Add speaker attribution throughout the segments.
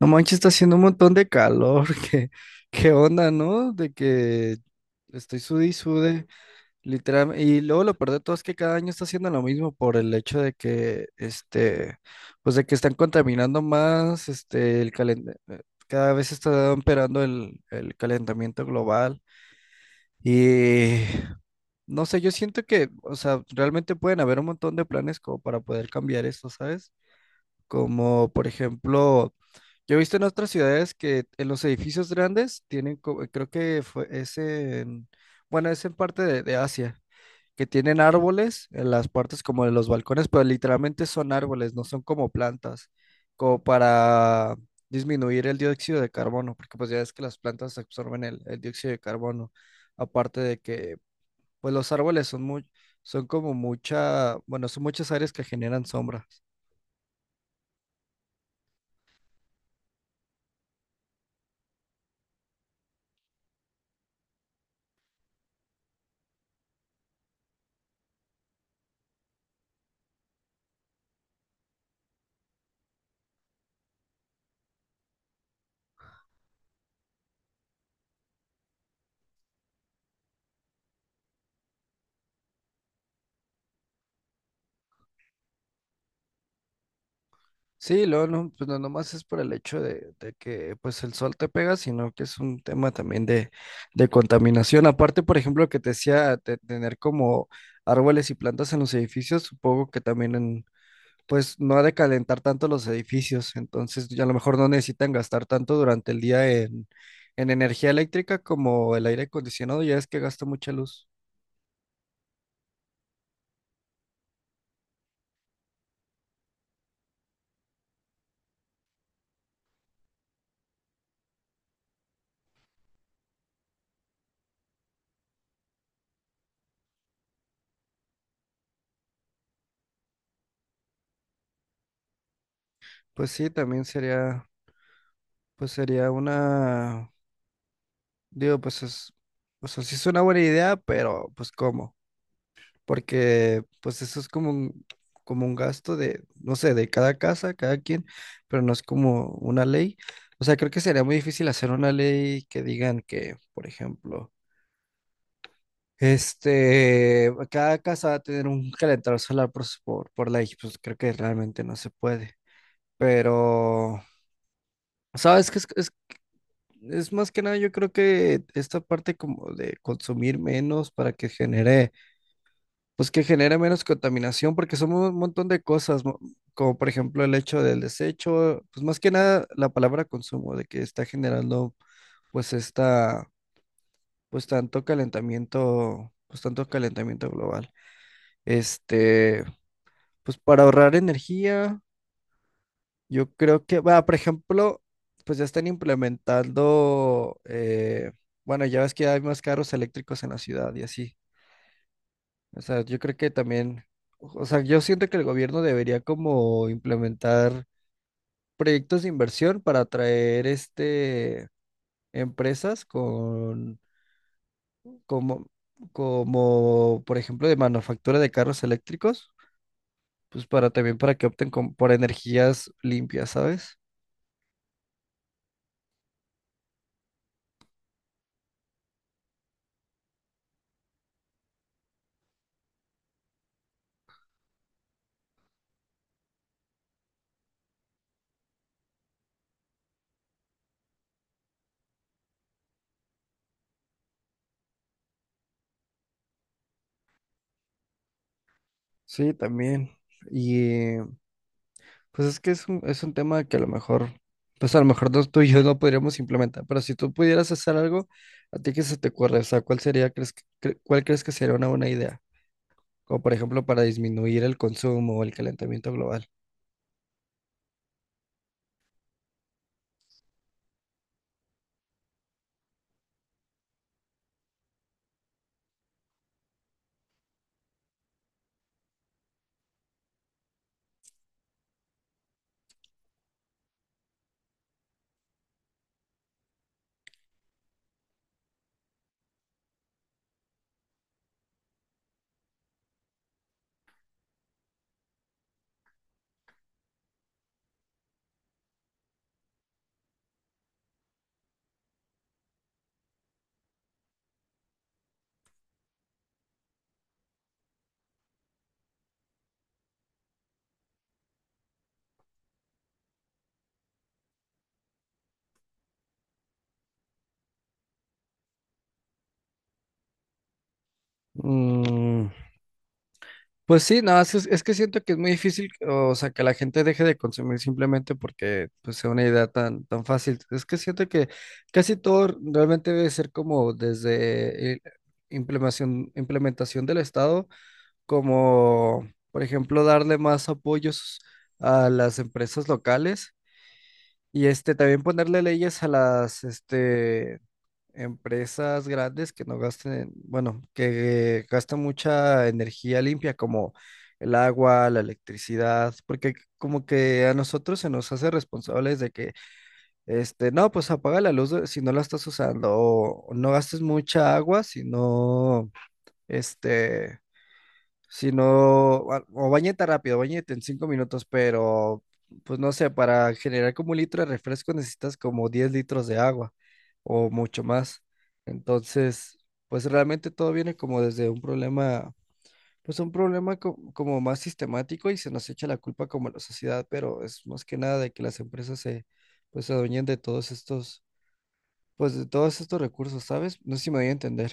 Speaker 1: No manches, está haciendo un montón de calor. ¿Qué onda, no? De que estoy sude y sude, literal. Y luego lo peor de todo es que cada año está haciendo lo mismo por el hecho de que, pues de que están contaminando más, cada vez está empeorando el calentamiento global. Y no sé, yo siento que, o sea, realmente pueden haber un montón de planes como para poder cambiar esto, ¿sabes? Como, por ejemplo. Yo he visto en otras ciudades que en los edificios grandes tienen, creo que fue, bueno, es en parte de Asia, que tienen árboles en las partes como de los balcones, pero literalmente son árboles, no son como plantas, como para disminuir el dióxido de carbono, porque pues ya es que las plantas absorben el dióxido de carbono, aparte de que pues los árboles son muy, son como mucha, bueno, son muchas áreas que generan sombra. Sí, luego no, pues no nomás es por el hecho de que pues el sol te pega, sino que es un tema también de contaminación. Aparte, por ejemplo, que te decía de tener como árboles y plantas en los edificios, supongo que también pues no ha de calentar tanto los edificios, entonces ya a lo mejor no necesitan gastar tanto durante el día en energía eléctrica como el aire acondicionado, ya es que gasta mucha luz. Pues sí, también sería, pues sería una. Digo, pues es, o sea, sí es una buena idea, pero pues ¿cómo? Porque pues eso es como un gasto de, no sé, de cada casa, cada quien, pero no es como una ley. O sea, creo que sería muy difícil hacer una ley que digan que, por ejemplo, cada casa va a tener un calentador solar por ley, pues creo que realmente no se puede. Pero, ¿sabes qué? Es más que nada, yo creo que esta parte como de consumir menos para que genere. Pues que genere menos contaminación, porque son un montón de cosas, como por ejemplo el hecho del desecho, pues más que nada la palabra consumo, de que está generando pues esta, pues tanto calentamiento global. Este, pues para ahorrar energía, yo creo que, va, por ejemplo, pues ya están implementando, bueno, ya ves que hay más carros eléctricos en la ciudad y así. O sea, yo creo que también, o sea, yo siento que el gobierno debería como implementar proyectos de inversión para atraer empresas con como como por ejemplo de manufactura de carros eléctricos, pues para también para que por energías limpias, ¿sabes? Sí, también. Y pues es que es un tema que a lo mejor, pues a lo mejor tú y yo no podríamos implementar, pero si tú pudieras hacer algo, ¿a ti qué se te ocurre? O sea, ¿cuál sería, crees, que- cre- ¿cuál crees que sería una buena idea? Como por ejemplo para disminuir el consumo o el calentamiento global. Mm, pues sí, no, es que siento que es muy difícil, o sea, que la gente deje de consumir simplemente porque pues, sea una idea tan fácil. Es que siento que casi todo realmente debe ser como desde implementación del Estado como, por ejemplo, darle más apoyos a las empresas locales y este también ponerle leyes a las este empresas grandes que no bueno, que gastan mucha energía limpia como el agua, la electricidad, porque como que a nosotros se nos hace responsables de que no, pues apaga la luz si no la estás usando o no gastes mucha agua si no este si no, o bañeta rápido, bañete en 5 minutos, pero pues no sé, para generar como 1 litro de refresco necesitas como 10 litros de agua o mucho más. Entonces, pues realmente todo viene como desde un problema, pues un problema como más sistemático y se nos echa la culpa como a la sociedad, pero es más que nada de que las pues se adueñen de todos estos, pues de todos estos recursos, ¿sabes? No sé si me voy a entender.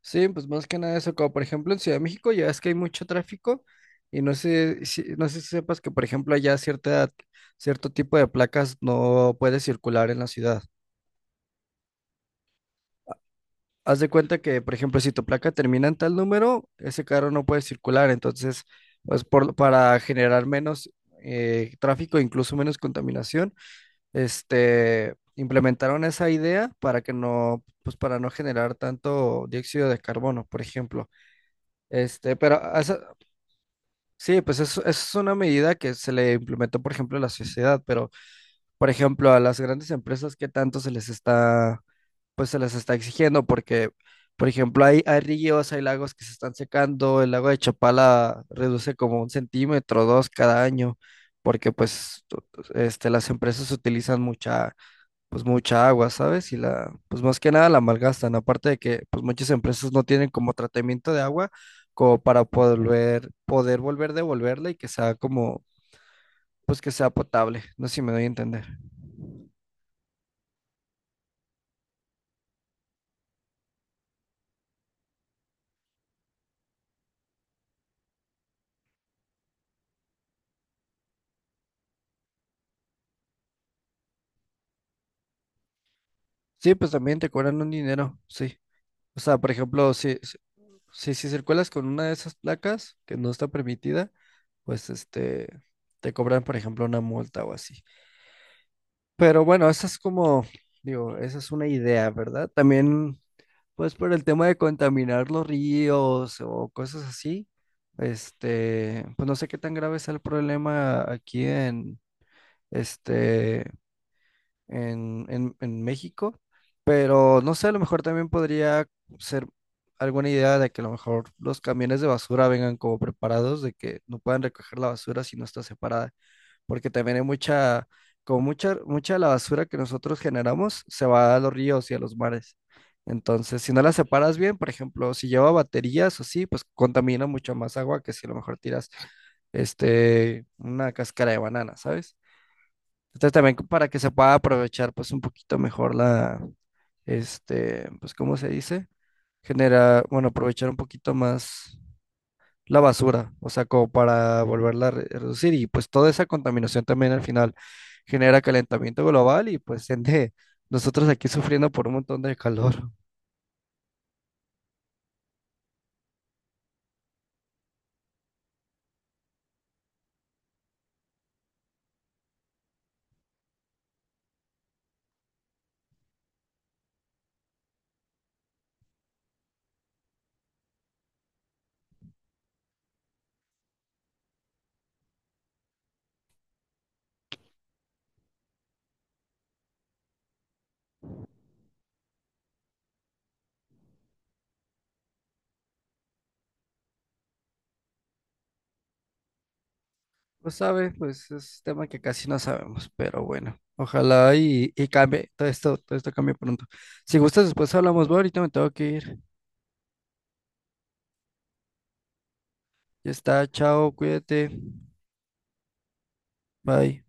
Speaker 1: Sí, pues más que nada eso, como por ejemplo en Ciudad de México ya es que hay mucho tráfico y no sé si, no sé si sepas que por ejemplo allá cierto tipo de placas no puede circular en la ciudad. Haz de cuenta que por ejemplo si tu placa termina en tal número, ese carro no puede circular, entonces pues para generar menos tráfico, incluso menos contaminación, implementaron esa idea para que no, pues para no generar tanto dióxido de carbono, por ejemplo. Pero ¿has? Sí, pues es una medida que se le implementó, por ejemplo, a la sociedad, pero, por ejemplo, a las grandes empresas, ¿qué tanto se les está, pues se les está exigiendo? Porque, por ejemplo, hay ríos, hay lagos que se están secando, el lago de Chapala reduce como 1 centímetro, 2 cada año, porque pues las empresas utilizan mucha pues mucha agua, ¿sabes? Y la, pues más que nada la malgastan, aparte de que pues muchas empresas no tienen como tratamiento de agua como para poder volver devolverla y que sea como, pues que sea potable, no sé si me doy a entender. Sí, pues también te cobran un dinero, sí. O sea, por ejemplo, si circulas con una de esas placas que no está permitida, pues te cobran, por ejemplo, una multa o así. Pero bueno, esa es como, digo, esa es una idea, ¿verdad? También, pues por el tema de contaminar los ríos o cosas así, pues no sé qué tan grave es el problema aquí en, este, en México, pero no sé, a lo mejor también podría ser alguna idea de que a lo mejor los camiones de basura vengan como preparados, de que no puedan recoger la basura si no está separada porque también hay mucha de la basura que nosotros generamos se va a los ríos y a los mares. Entonces, si no la separas bien, por ejemplo, si lleva baterías o así, pues contamina mucho más agua que si a lo mejor tiras una cáscara de banana, ¿sabes? Entonces, también para que se pueda aprovechar pues un poquito mejor la, pues, ¿cómo se dice? Genera, bueno, aprovechar un poquito más la basura, o sea, como para volverla a reducir. Y pues toda esa contaminación también al final genera calentamiento global y pues ende nosotros aquí sufriendo por un montón de calor. Pues sabe, pues es tema que casi no sabemos, pero bueno, ojalá y cambie, todo esto cambie pronto. Si gustas, después hablamos, bueno, ahorita me tengo que ir. Ya está, chao, cuídate, bye.